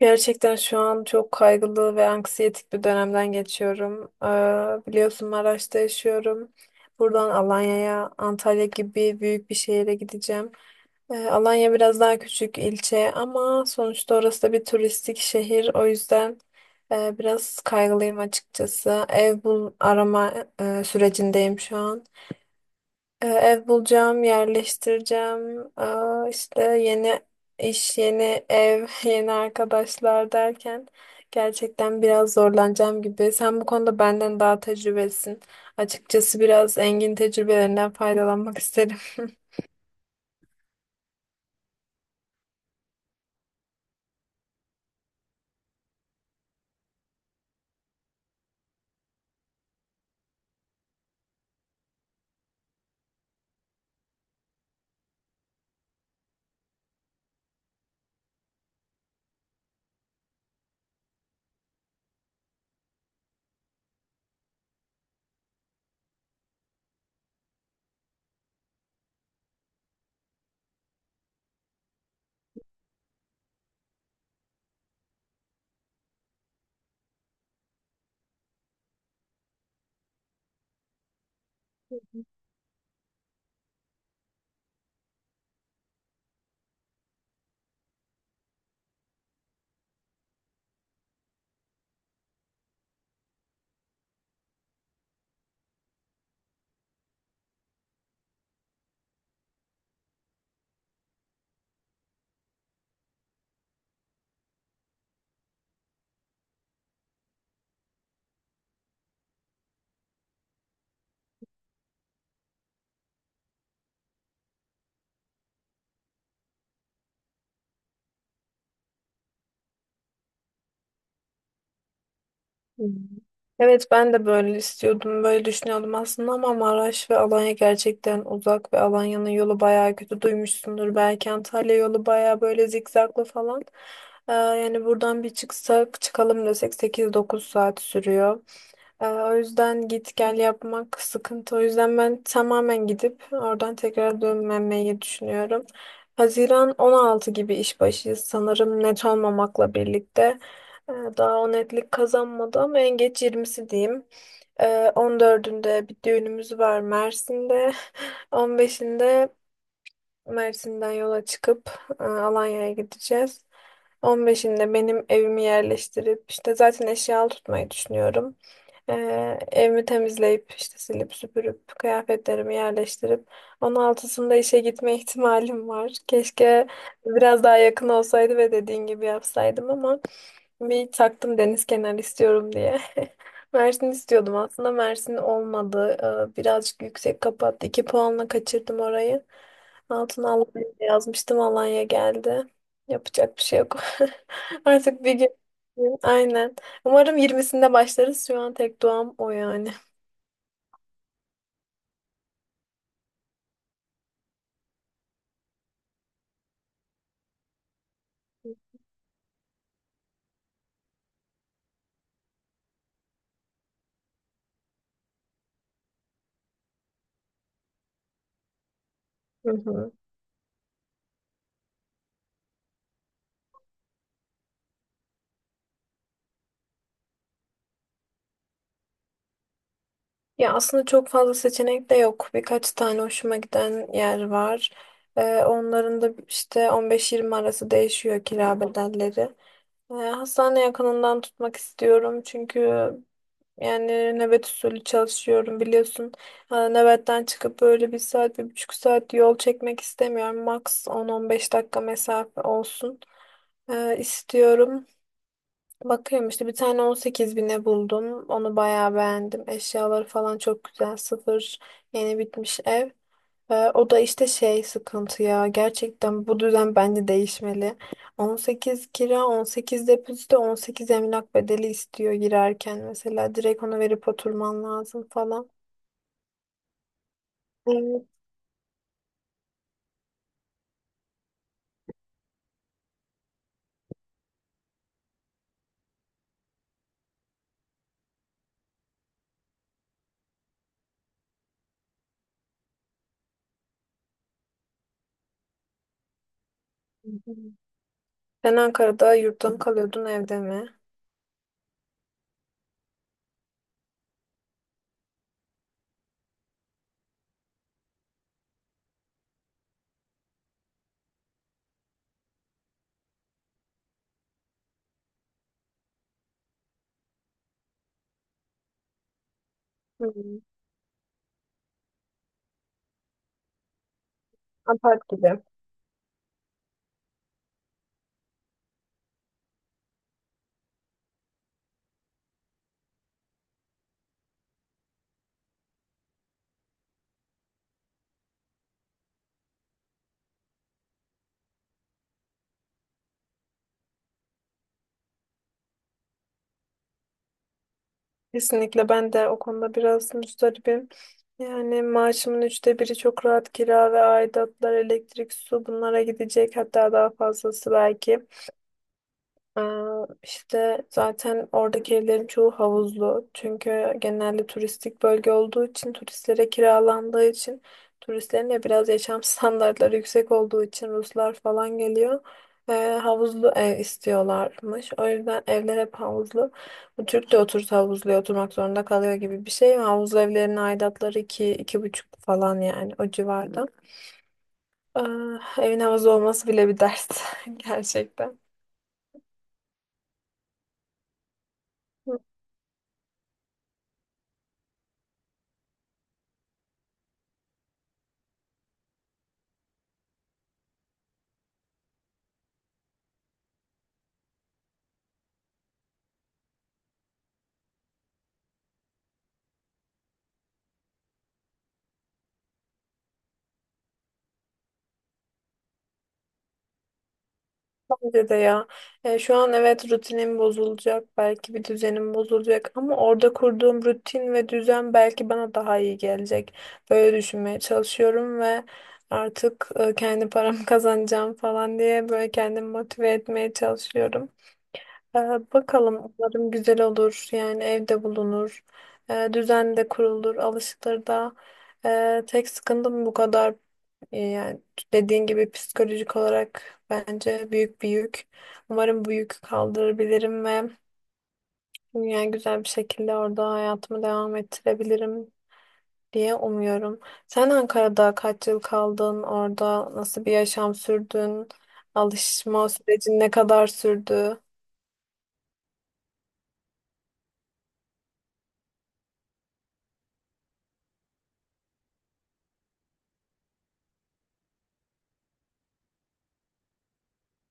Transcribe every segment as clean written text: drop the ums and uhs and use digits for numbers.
Gerçekten şu an çok kaygılı ve anksiyetik bir dönemden geçiyorum. Biliyorsun Maraş'ta yaşıyorum. Buradan Alanya'ya, Antalya gibi büyük bir şehire gideceğim. Alanya biraz daha küçük ilçe ama sonuçta orası da bir turistik şehir. O yüzden biraz kaygılıyım açıkçası. Ev arama sürecindeyim şu an. Ev bulacağım, yerleştireceğim. Aa, işte yeni iş, yeni ev, yeni arkadaşlar derken gerçekten biraz zorlanacağım gibi. Sen bu konuda benden daha tecrübelisin. Açıkçası biraz Engin tecrübelerinden faydalanmak isterim. Hı. Evet ben de böyle istiyordum, böyle düşünüyordum aslında ama Maraş ve Alanya gerçekten uzak ve Alanya'nın yolu bayağı kötü duymuşsundur. Belki Antalya yolu bayağı böyle zikzaklı falan. Yani buradan bir çıksak çıkalım desek 8-9 saat sürüyor. O yüzden git gel yapmak sıkıntı. O yüzden ben tamamen gidip oradan tekrar dönmemeyi düşünüyorum. Haziran 16 gibi iş başıyız sanırım, net olmamakla birlikte. Daha o netlik kazanmadı ama en geç yirmisi diyeyim. 14'ünde bir düğünümüz var Mersin'de. 15'inde Mersin'den yola çıkıp Alanya'ya gideceğiz. 15'inde benim evimi yerleştirip işte zaten eşyalı tutmayı düşünüyorum. Evimi temizleyip işte silip süpürüp kıyafetlerimi yerleştirip 16'sında işe gitme ihtimalim var. Keşke biraz daha yakın olsaydı ve dediğin gibi yapsaydım ama bir taktım deniz kenarı istiyorum diye. Mersin istiyordum aslında, Mersin olmadı. Birazcık yüksek kapattı. 2 puanla kaçırdım orayı. Altına Alanya yazmıştım, Alanya geldi. Yapacak bir şey yok. Artık bir gün, aynen. Umarım yirmisinde başlarız. Şu an tek duam o yani. Hı hı. Ya aslında çok fazla seçenek de yok. Birkaç tane hoşuma giden yer var. Onların da işte 15-20 arası değişiyor kira bedelleri. Hastane yakınından tutmak istiyorum çünkü yani nöbet usulü çalışıyorum, biliyorsun. Nöbetten çıkıp böyle 1 saat, 1,5 saat yol çekmek istemiyorum. Max 10-15 dakika mesafe olsun. İstiyorum. Bakıyorum işte bir tane 18 bine buldum. Onu bayağı beğendim. Eşyaları falan çok güzel. Sıfır, yeni bitmiş ev. O da işte şey sıkıntı ya. Gerçekten bu düzen bence değişmeli. 18 kira, 18 depozito, 18 emlak bedeli istiyor girerken. Mesela direkt onu verip oturman lazım falan. Sen Ankara'da yurtta mı kalıyordun, evde mi? Hmm, apart gibi. Kesinlikle ben de o konuda biraz müzdaribim. Yani maaşımın üçte biri çok rahat kira ve aidatlar, elektrik, su bunlara gidecek, hatta daha fazlası belki. Aa, işte zaten oradaki evlerin çoğu havuzlu. Çünkü genelde turistik bölge olduğu için, turistlere kiralandığı için, turistlerin de biraz yaşam standartları yüksek olduğu için Ruslar falan geliyor. Ee, Havuzlu ev istiyorlarmış. O yüzden evler hep havuzlu. Bu Türk de otursa havuzluya oturmak zorunda kalıyor gibi bir şey. Havuzlu evlerin aidatları 2, iki buçuk falan, yani o civarda. Ee, Evin havuzlu olması bile bir dert gerçekten. Hı. Bence de ya. Şu an evet rutinim bozulacak. Belki bir düzenim bozulacak. Ama orada kurduğum rutin ve düzen belki bana daha iyi gelecek. Böyle düşünmeye çalışıyorum ve artık kendi paramı kazanacağım falan diye böyle kendimi motive etmeye çalışıyorum. Ee, Bakalım umarım güzel olur. Yani evde bulunur. Düzen de kurulur. Alışılır da. Tek sıkıntım bu kadar. Yani dediğin gibi psikolojik olarak bence büyük bir yük. Umarım bu yükü kaldırabilirim ve yani güzel bir şekilde orada hayatımı devam ettirebilirim diye umuyorum. Sen Ankara'da kaç yıl kaldın? Orada nasıl bir yaşam sürdün? Alışma sürecin ne kadar sürdü?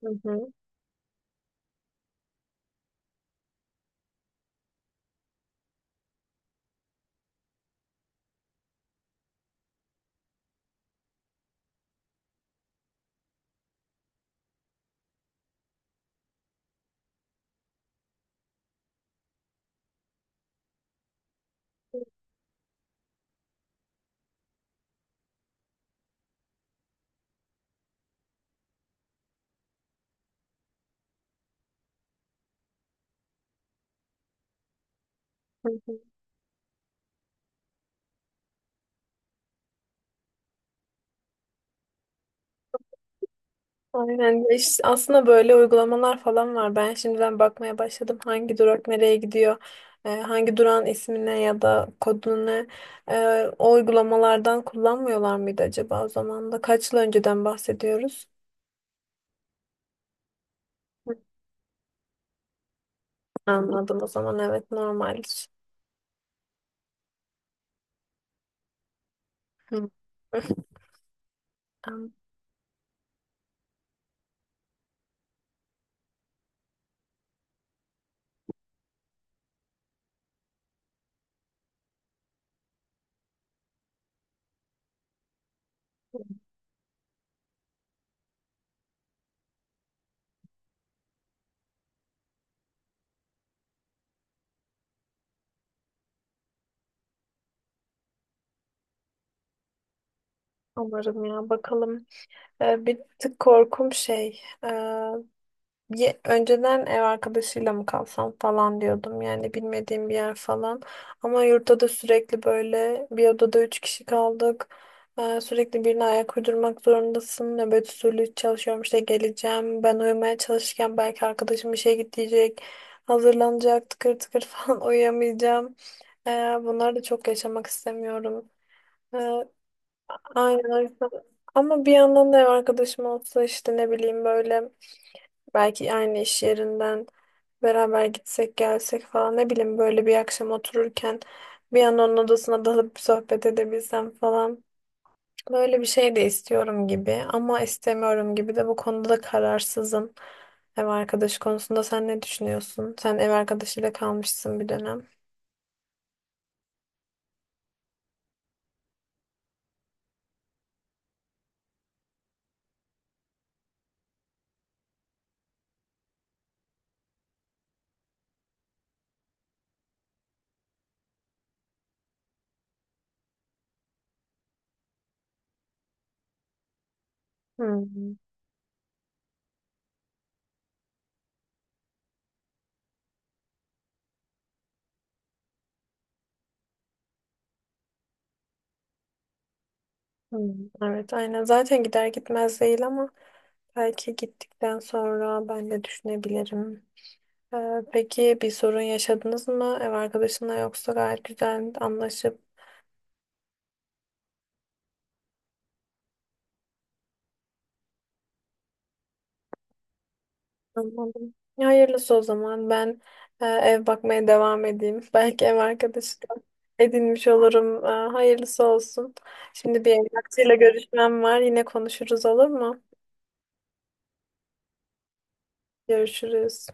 Hı hı. Hı hı. Aynen. Ya işte aslında böyle uygulamalar falan var. Ben şimdiden bakmaya başladım. Hangi durak nereye gidiyor? Hangi durağın ismine ya da kodunu ne? O uygulamalardan kullanmıyorlar mıydı acaba o zaman da? Kaç yıl önceden bahsediyoruz? Anladım, o zaman evet normaldir. Hı. Umarım ya, bakalım. Bir tık korkum şey. Önceden ev arkadaşıyla mı kalsam falan diyordum yani, bilmediğim bir yer falan. Ama yurtta da sürekli böyle bir odada 3 kişi kaldık. Sürekli birine ayak uydurmak zorundasın. Nöbet usulü çalışıyorum işte, geleceğim. Ben uyumaya çalışırken belki arkadaşım işe gidecek. Hazırlanacak tıkır tıkır falan, uyuyamayacağım. Ee, Bunları da çok yaşamak istemiyorum. Ee, aynen o. Ama bir yandan da ev arkadaşım olsa işte, ne bileyim, böyle belki aynı iş yerinden beraber gitsek gelsek falan, ne bileyim, böyle bir akşam otururken bir an onun odasına dalıp sohbet edebilsem falan. Böyle bir şey de istiyorum gibi ama istemiyorum gibi, de bu konuda da kararsızım. Ev arkadaşı konusunda sen ne düşünüyorsun? Sen ev arkadaşıyla kalmışsın bir dönem. Hmm, hmm. Evet aynen, zaten gider gitmez değil ama belki gittikten sonra ben de düşünebilirim. Peki bir sorun yaşadınız mı ev arkadaşınla, yoksa gayet güzel anlaşıp anladım. Ya, hayırlısı o zaman. Ben ev bakmaya devam edeyim. Belki ev arkadaşı da edinmiş olurum. Hayırlısı olsun. Şimdi bir emlakçıyla görüşmem var. Yine konuşuruz, olur mu? Görüşürüz.